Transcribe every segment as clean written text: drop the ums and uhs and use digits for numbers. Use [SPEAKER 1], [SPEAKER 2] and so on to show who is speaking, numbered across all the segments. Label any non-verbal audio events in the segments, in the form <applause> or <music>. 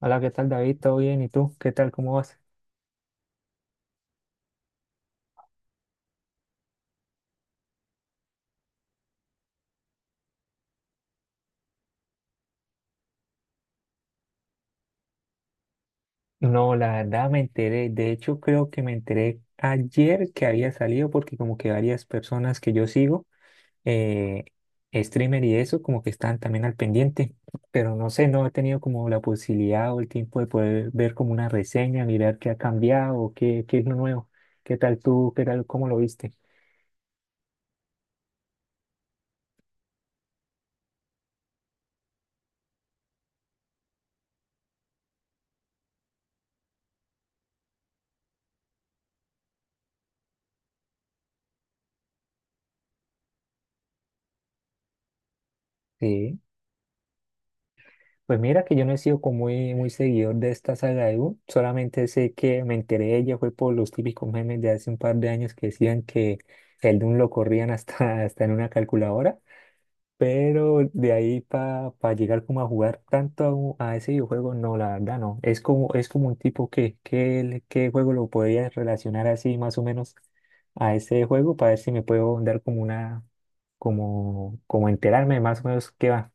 [SPEAKER 1] Hola, ¿qué tal, David? ¿Todo bien? ¿Y tú? ¿Qué tal? ¿Cómo vas? No, la verdad me enteré. De hecho, creo que me enteré ayer que había salido porque como que varias personas que yo sigo, eh, streamer y eso, como que están también al pendiente. Pero no sé, no he tenido como la posibilidad o el tiempo de poder ver como una reseña, mirar qué ha cambiado o qué es lo nuevo. ¿Qué tal tú? ¿Qué tal? ¿Cómo lo viste? Sí. Pues mira que yo no he sido como muy, muy seguidor de esta saga de U, solamente sé que me enteré de ella fue por los típicos memes de hace un par de años que decían que el Doom lo corrían hasta, <laughs> hasta en una calculadora, pero de ahí para llegar como a jugar tanto a ese videojuego, no, la verdad no, es como un tipo qué juego lo podría relacionar así más o menos a ese juego para ver si me puedo dar como como enterarme más o menos qué va.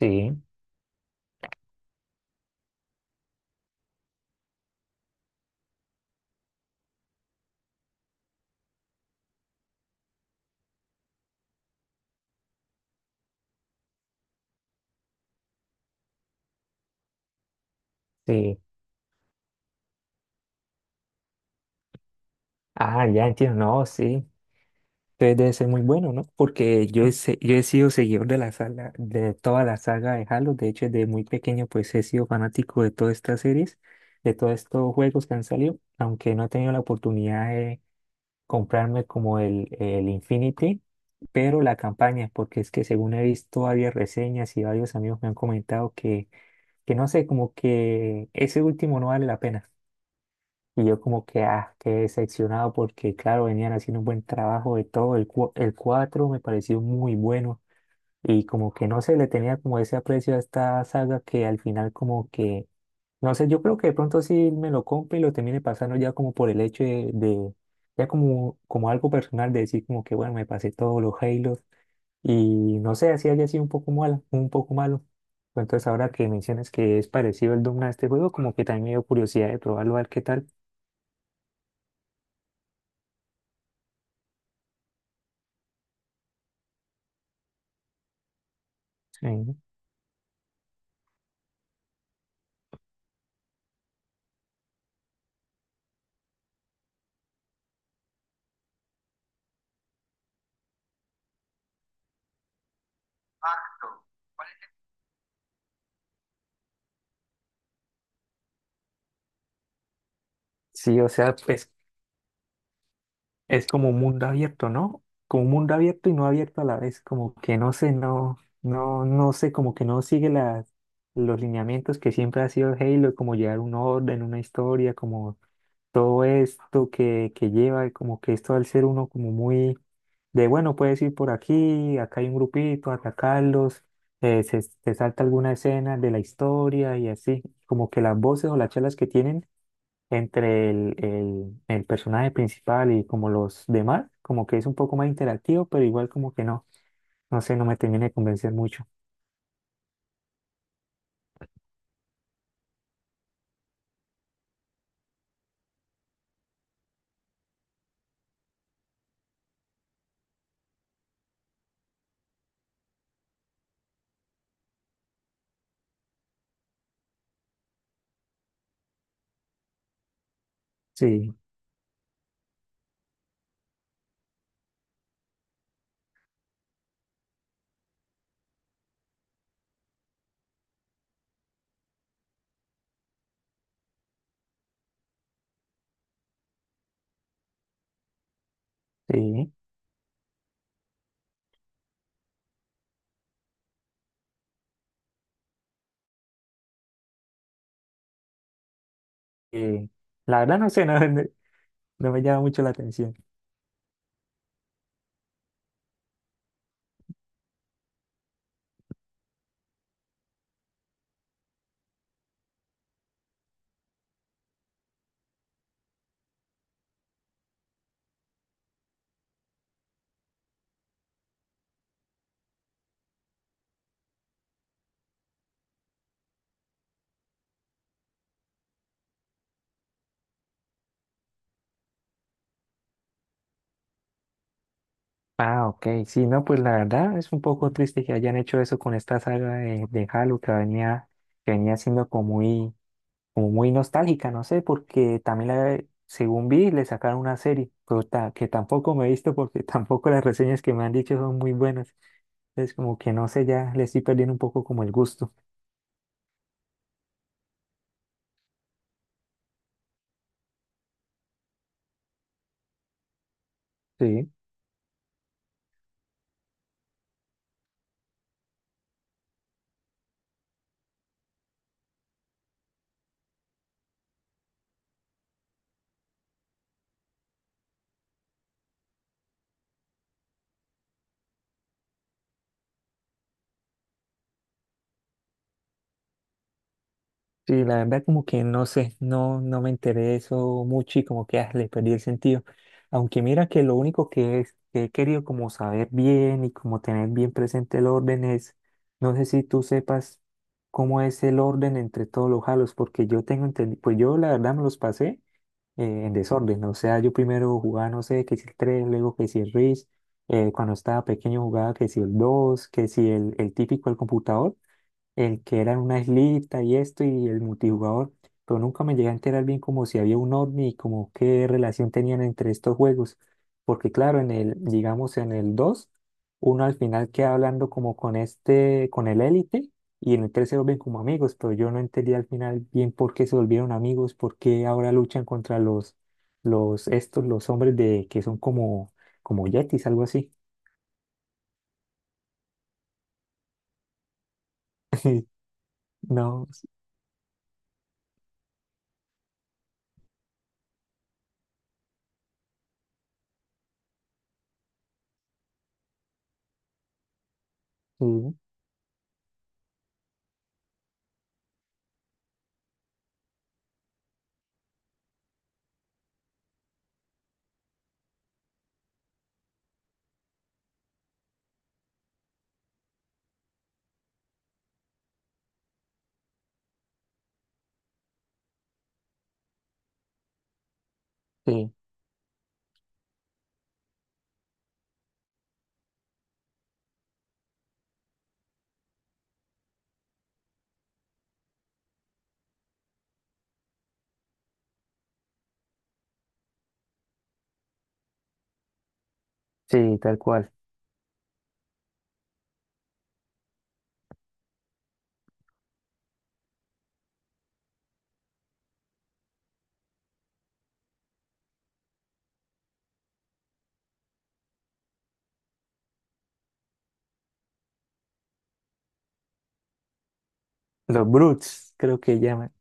[SPEAKER 1] Sí, sí. Ah, ya entiendo, no, sí. Entonces debe ser muy bueno, ¿no? Porque yo he sido seguidor de la saga, de toda la saga de Halo. De hecho, desde muy pequeño, pues he sido fanático de todas estas series, de todos estos juegos que han salido, aunque no he tenido la oportunidad de comprarme como el Infinity, pero la campaña, porque es que según he visto varias reseñas y varios amigos me han comentado que no sé, como que ese último no vale la pena. Y yo como que, ah, qué decepcionado porque, claro, venían haciendo un buen trabajo de todo. El 4 me pareció muy bueno y como que no se le tenía como ese aprecio a esta saga que al final como que, no sé, yo creo que de pronto sí me lo compre y lo termine pasando ya como por el hecho de ya como, como algo personal de decir como que, bueno, me pasé todos los Halos y no sé, así haya sido un poco malo, un poco malo. Entonces ahora que mencionas que es parecido el Doom a este juego, como que también me dio curiosidad de probarlo, a ver qué tal. Sí, o sea, pues es como un mundo abierto, ¿no? Como un mundo abierto y no abierto a la vez, como que no sé, no sé, como que no sigue los lineamientos que siempre ha sido Halo, como llevar un orden, una historia, como todo esto que lleva, como que esto al ser uno como muy de, bueno, puedes ir por aquí, acá hay un grupito, atacarlos, se salta alguna escena de la historia y así, como que las voces o las charlas que tienen entre el personaje principal y como los demás, como que es un poco más interactivo, pero igual como que no, no sé, no me termina de convencer mucho. Sí, sí. eh, la verdad no sé, <laughs> no me llama mucho la atención. Ah, ok, sí, no, pues la verdad es un poco triste que hayan hecho eso con esta saga de Halo que venía siendo como muy, como muy nostálgica, no sé, porque también la- según vi, le sacaron una serie, pero ta- que tampoco me he visto porque <laughs> tampoco las reseñas que me han dicho son muy buenas. Entonces, como que no sé, ya le estoy perdiendo un poco como el gusto. Sí. Sí, la verdad como que no sé, no, no me enteré de eso mucho y como que ah, le perdí el sentido. Aunque mira que lo único que he querido como saber bien y como tener bien presente el orden es, no sé si tú sepas cómo es el orden entre todos los halos, porque yo tengo entendido, pues yo la verdad me los pasé en desorden, o sea, yo primero jugaba, no sé, que si el 3, luego que si el RIS, cuando estaba pequeño jugaba que si el 2, que si el típico el computador el que era una islita y esto y el multijugador, pero nunca me llegué a enterar bien como si había un ovni y como qué relación tenían entre estos juegos, porque claro, en digamos en el 2 uno al final queda hablando como con este, con el élite, y en el 3 se vuelven como amigos, pero yo no entendí al final bien por qué se volvieron amigos, por qué ahora luchan contra los hombres de, que son como, como yetis, algo así. <laughs> No, sí, sí, sí, tal cual. Los Brutes, creo que llaman.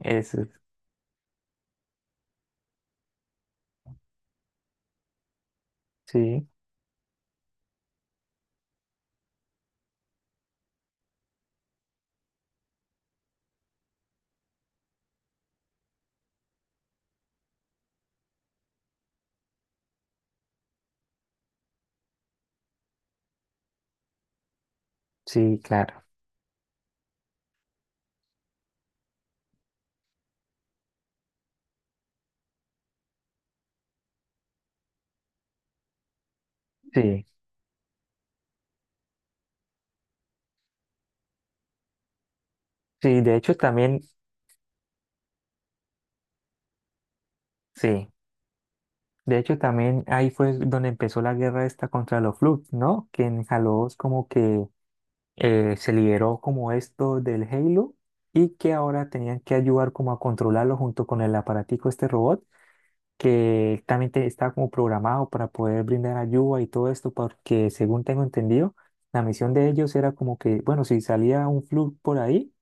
[SPEAKER 1] Eso, sí, sí, claro. Sí, sí, de hecho también, sí. De hecho también ahí fue donde empezó la guerra esta contra los Flood, ¿no? Que en Halo 2 como que se liberó como esto del Halo y que ahora tenían que ayudar como a controlarlo junto con el aparatico, este robot, que también te- estaba como programado para poder brindar ayuda y todo esto, porque según tengo entendido, la misión de ellos era como que, bueno, si salía un Flood por ahí,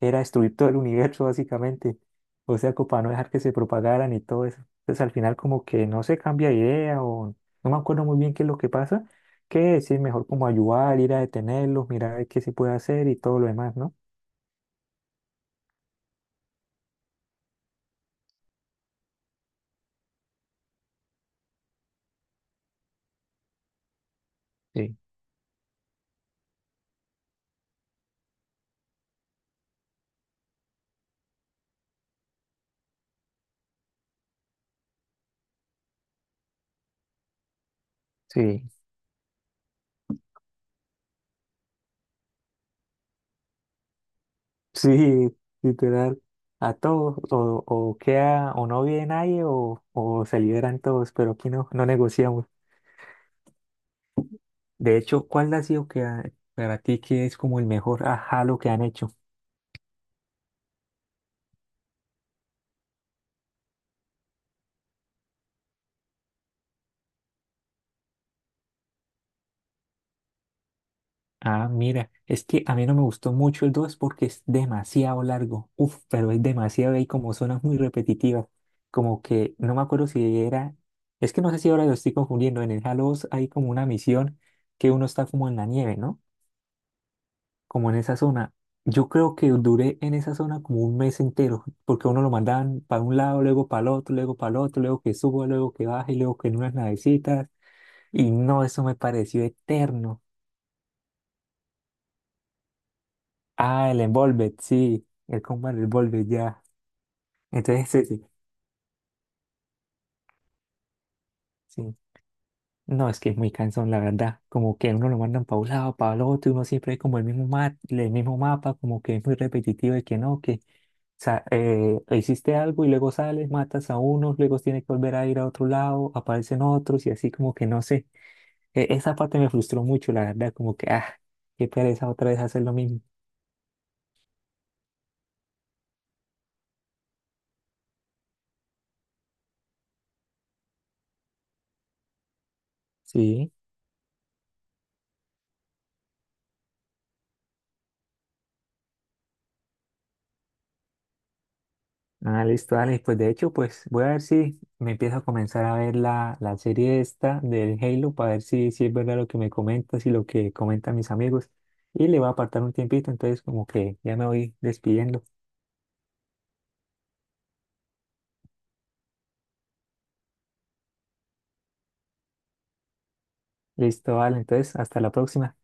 [SPEAKER 1] era destruir todo el universo básicamente, o sea, como para no dejar que se propagaran y todo eso. Entonces al final como que no se cambia de idea o no me acuerdo muy bien qué es lo que pasa, que sí, mejor como ayudar, ir a detenerlos, mirar a ver qué se puede hacer y todo lo demás, ¿no? Sí, sí. <laughs> Sí, literal, a todos, o queda, o no vive nadie, o se liberan todos, pero aquí no, no negociamos. De hecho, ¿cuál ha sido que a- para ti que es como el mejor ajá lo que han hecho? Ah, mira, es que a mí no me gustó mucho el 2 porque es demasiado largo. Uf, pero es demasiado y hay como zonas muy repetitivas. Como que no me acuerdo si era. Es que no sé si ahora lo estoy confundiendo. En el Halo 2 hay como una misión que uno está como en la nieve, ¿no? Como en esa zona. Yo creo que duré en esa zona como un mes entero, porque a uno lo mandaban para un lado, luego para el otro, luego para el otro, luego que suba, luego que baje, luego que en unas navecitas. Y no, eso me pareció eterno. Ah, el Envolved, sí, el Combat Envolved, ya. Entonces, sí, sí, sí. No, es que es muy cansón, la verdad. Como que uno lo mandan para un lado, para el otro, y uno siempre es como el mismo mapa, como que es muy repetitivo y que no, que hiciste algo y luego sales, matas a unos, luego tienes que volver a ir a otro lado, aparecen otros y así como que no sé. Esa parte me frustró mucho, la verdad, como que, ah, qué pereza otra vez hacer lo mismo. Sí. Ah, listo, Alex. Pues de hecho, pues voy a ver si me empiezo a comenzar a ver la serie esta del Halo para ver si es verdad lo que me comentas y lo que comentan mis amigos. Y le voy a apartar un tiempito, entonces como que ya me voy despidiendo. Listo, Alex. Entonces, hasta la próxima.